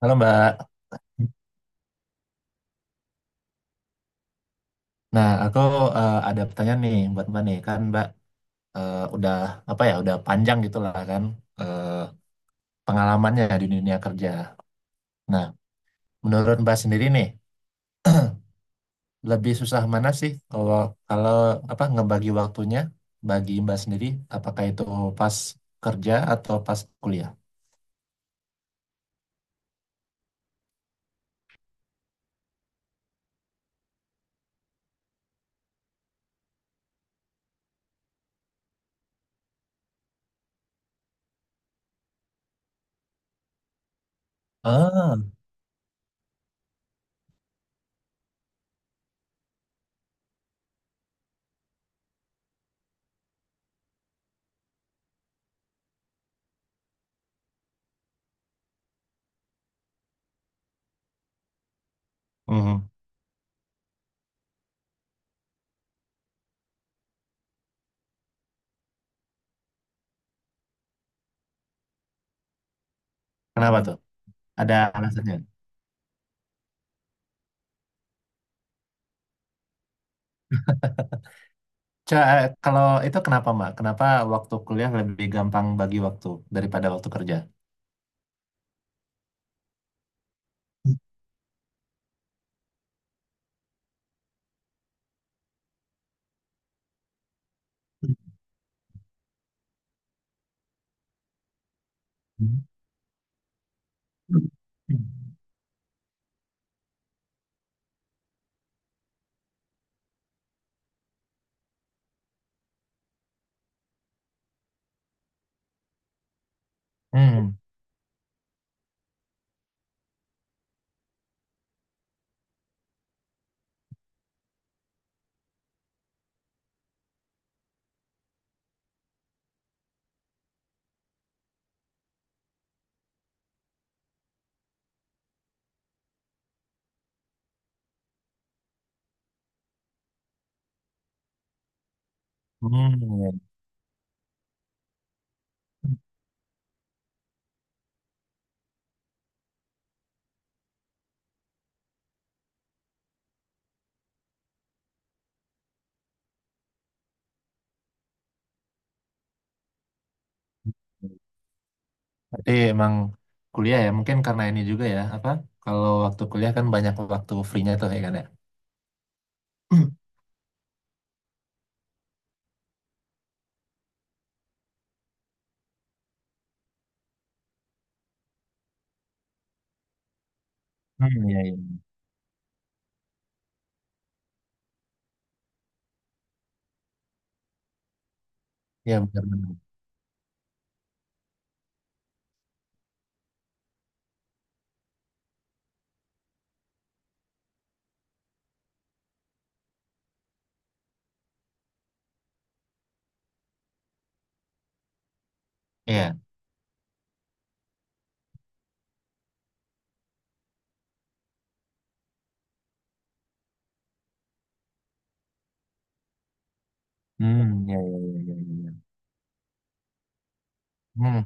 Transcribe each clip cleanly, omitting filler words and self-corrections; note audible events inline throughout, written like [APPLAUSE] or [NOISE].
Halo Mbak. Nah, aku ada pertanyaan nih buat Mbak nih. Kan Mbak udah apa ya, udah panjang gitu lah kan eh, pengalamannya di dunia kerja. Nah, menurut Mbak sendiri nih, [CLEARS THROAT] lebih susah mana sih kalau kalau apa ngebagi waktunya bagi Mbak sendiri, apakah itu pas kerja atau pas kuliah? Ah. Mhm. Kenapa tuh? Ada alasannya? Kalau itu kenapa Mbak? Kenapa waktu kuliah lebih gampang bagi waktu daripada waktu kerja? Hmm. Hmm. Berarti emang kuliah ya, mungkin karena ini juga ya, apa? Kalau waktu kuliah kan banyak waktu free-nya tuh ya kan ya. [CLEARS THROAT] Hmm, iya, iya. Iya, benar-benar. Iya. Hmm, iya, iya, iya, iya, iya. Hmm,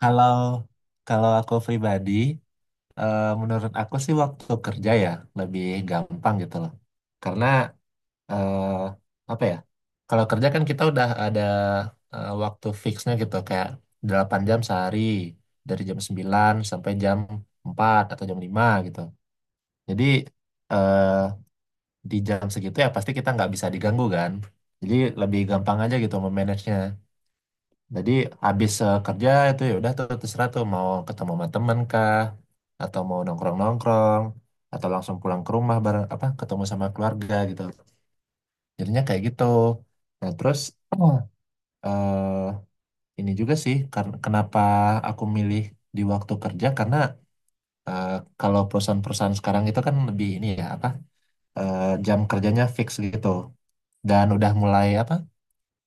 kalau kalau aku pribadi, menurut aku sih waktu kerja ya lebih gampang gitu loh. Karena eh, apa ya? Kalau kerja kan kita udah ada waktu fixnya gitu kayak 8 jam sehari dari jam 9 sampai jam 4 atau jam 5 gitu. Jadi eh, di jam segitu ya pasti kita nggak bisa diganggu kan. Jadi lebih gampang aja gitu memanagenya. Jadi habis kerja itu ya udah tuh terserah tuh mau ketemu sama temen kah atau mau nongkrong-nongkrong atau langsung pulang ke rumah bareng apa ketemu sama keluarga gitu. Jadinya kayak gitu. Nah, terus [CLEARS THROAT] oh, eh ini juga sih kenapa aku milih di waktu kerja karena eh, kalau perusahaan-perusahaan sekarang itu kan lebih ini ya apa jam kerjanya fix gitu dan udah mulai apa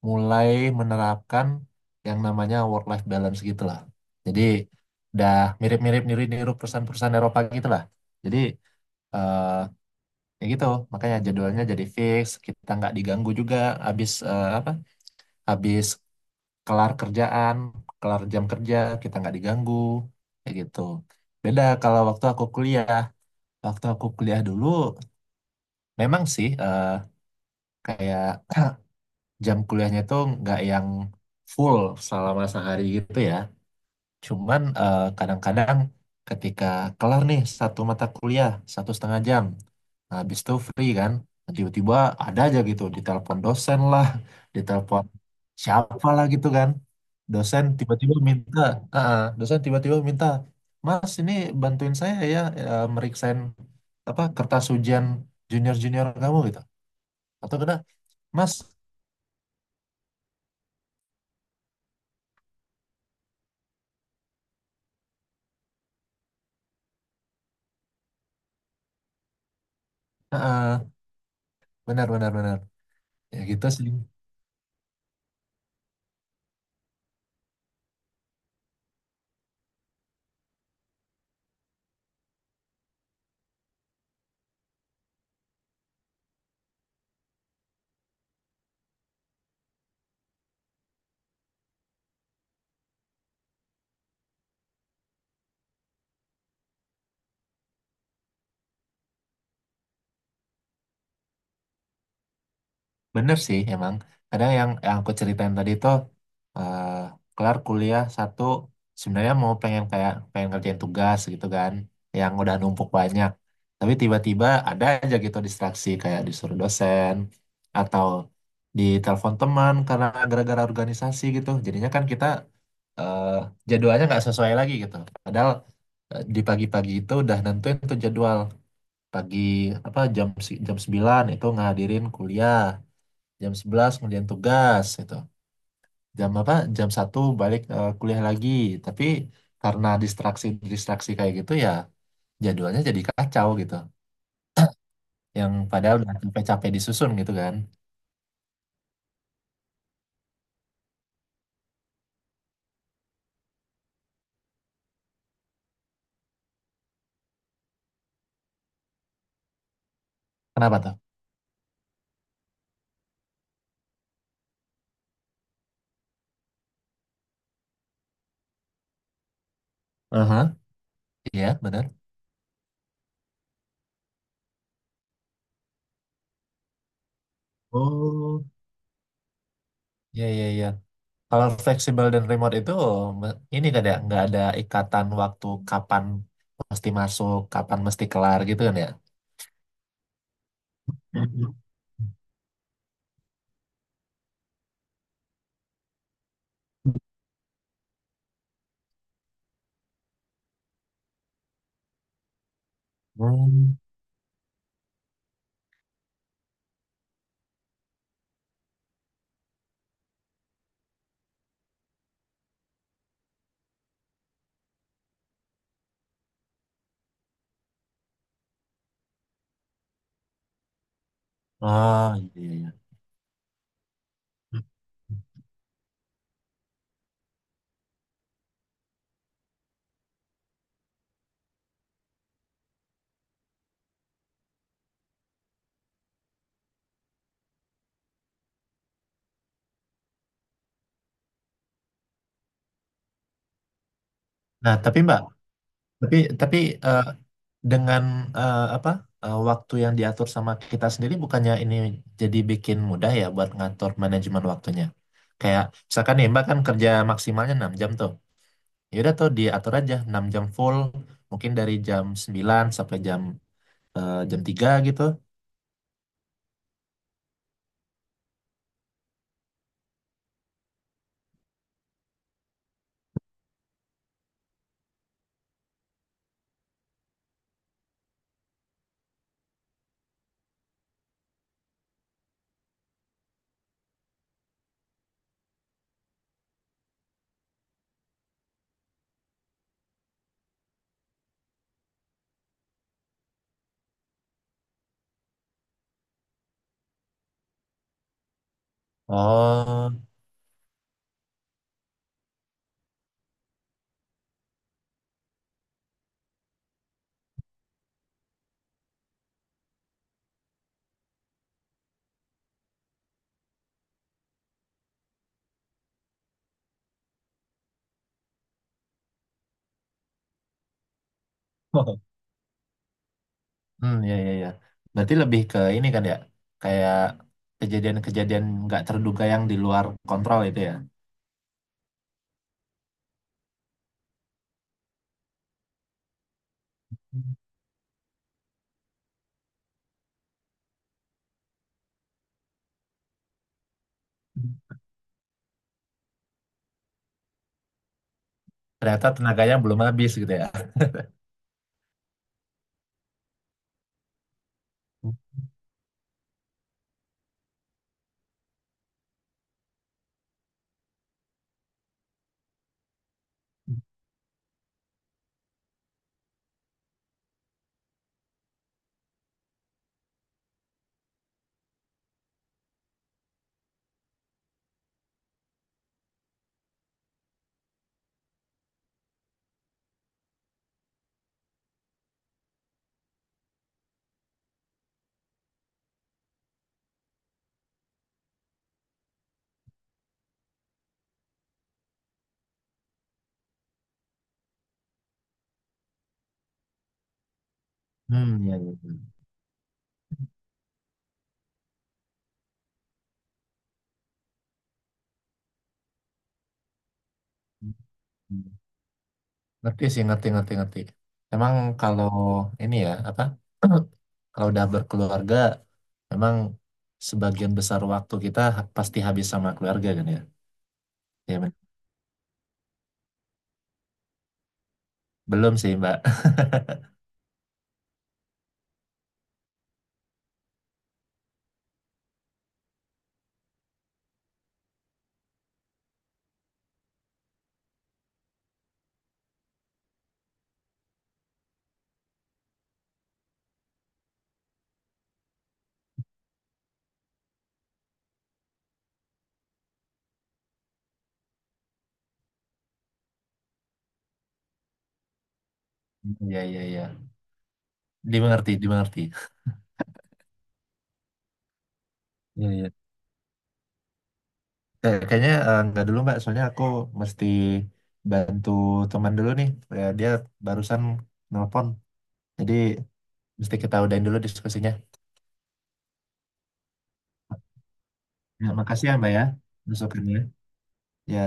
mulai menerapkan yang namanya work life balance gitu lah. Jadi udah mirip-mirip niru-niru perusahaan-perusahaan Eropa gitu lah. Jadi eh ya gitu makanya jadwalnya jadi fix kita nggak diganggu juga habis eh, apa habis kelar kerjaan, kelar jam kerja, kita nggak diganggu, kayak gitu. Beda kalau waktu aku kuliah dulu, memang sih kayak [CLEARS THROAT] jam kuliahnya tuh nggak yang full selama sehari gitu ya. Cuman kadang-kadang ketika kelar nih satu mata kuliah, 1,5 jam. Nah, habis itu free kan. Nah, tiba-tiba ada aja gitu, ditelepon dosen lah, ditelepon siapa lah gitu kan. Dosen tiba-tiba minta, Mas ini bantuin saya ya, meriksain apa kertas ujian junior-junior kamu gitu. Atau kena, Mas, benar-benar benar. Benar, benar. Ya gitu sih. Bener sih emang. Kadang yang aku ceritain tadi tuh eh, kelar kuliah satu sebenarnya mau pengen kerjain tugas gitu kan yang udah numpuk banyak. Tapi tiba-tiba ada aja gitu distraksi kayak disuruh dosen atau ditelepon teman karena gara-gara organisasi gitu. Jadinya kan kita eh, jadwalnya nggak sesuai lagi gitu. Padahal di pagi-pagi itu udah nentuin tuh jadwal pagi apa jam 9 itu ngadirin kuliah jam 11 kemudian tugas gitu jam apa jam 1 balik kuliah lagi tapi karena distraksi distraksi kayak gitu ya jadwalnya jadi kacau gitu yang padahal udah capek-capek disusun gitu kan. Kenapa tuh? Aha, iya, benar. Oh, iya, iya, iya. Kalau fleksibel dan remote itu ini kan ya nggak ada ikatan waktu kapan mesti masuk kapan mesti kelar gitu kan ya. Mhm. Hmm. Ah, iya, iya. Nah, tapi Mbak, tapi tapi eh, dengan eh, apa waktu yang diatur sama kita sendiri bukannya ini jadi bikin mudah ya buat ngatur manajemen waktunya kayak misalkan nih mbak kan kerja maksimalnya 6 jam tuh ya udah tuh diatur aja 6 jam full mungkin dari jam 9 sampai jam 3 gitu. Oh. [LAUGHS] Hmm, ya, ya, ya, berarti lebih ke ini kan ya kayak kejadian-kejadian nggak terduga yang di luar kontrol itu ya. Ternyata tenaganya belum habis gitu ya. [LAUGHS] Hmm, ya, ya, ya. Hmm. Ngerti sih, ngerti, ngerti, ngerti. Emang kalau ini ya, apa? Kalau udah berkeluarga, memang sebagian besar waktu kita pasti habis sama keluarga kan ya? Ya. Belum sih, Mbak. [LAUGHS] Ya, ya, ya. Dimengerti, dimengerti. Ya, iya. Kayaknya nggak dulu, Mbak. Soalnya aku mesti bantu teman dulu nih. Ya, dia barusan nelpon. Jadi, mesti kita udahin dulu diskusinya. Ya, makasih ya, Mbak ya. Besokannya. Ya.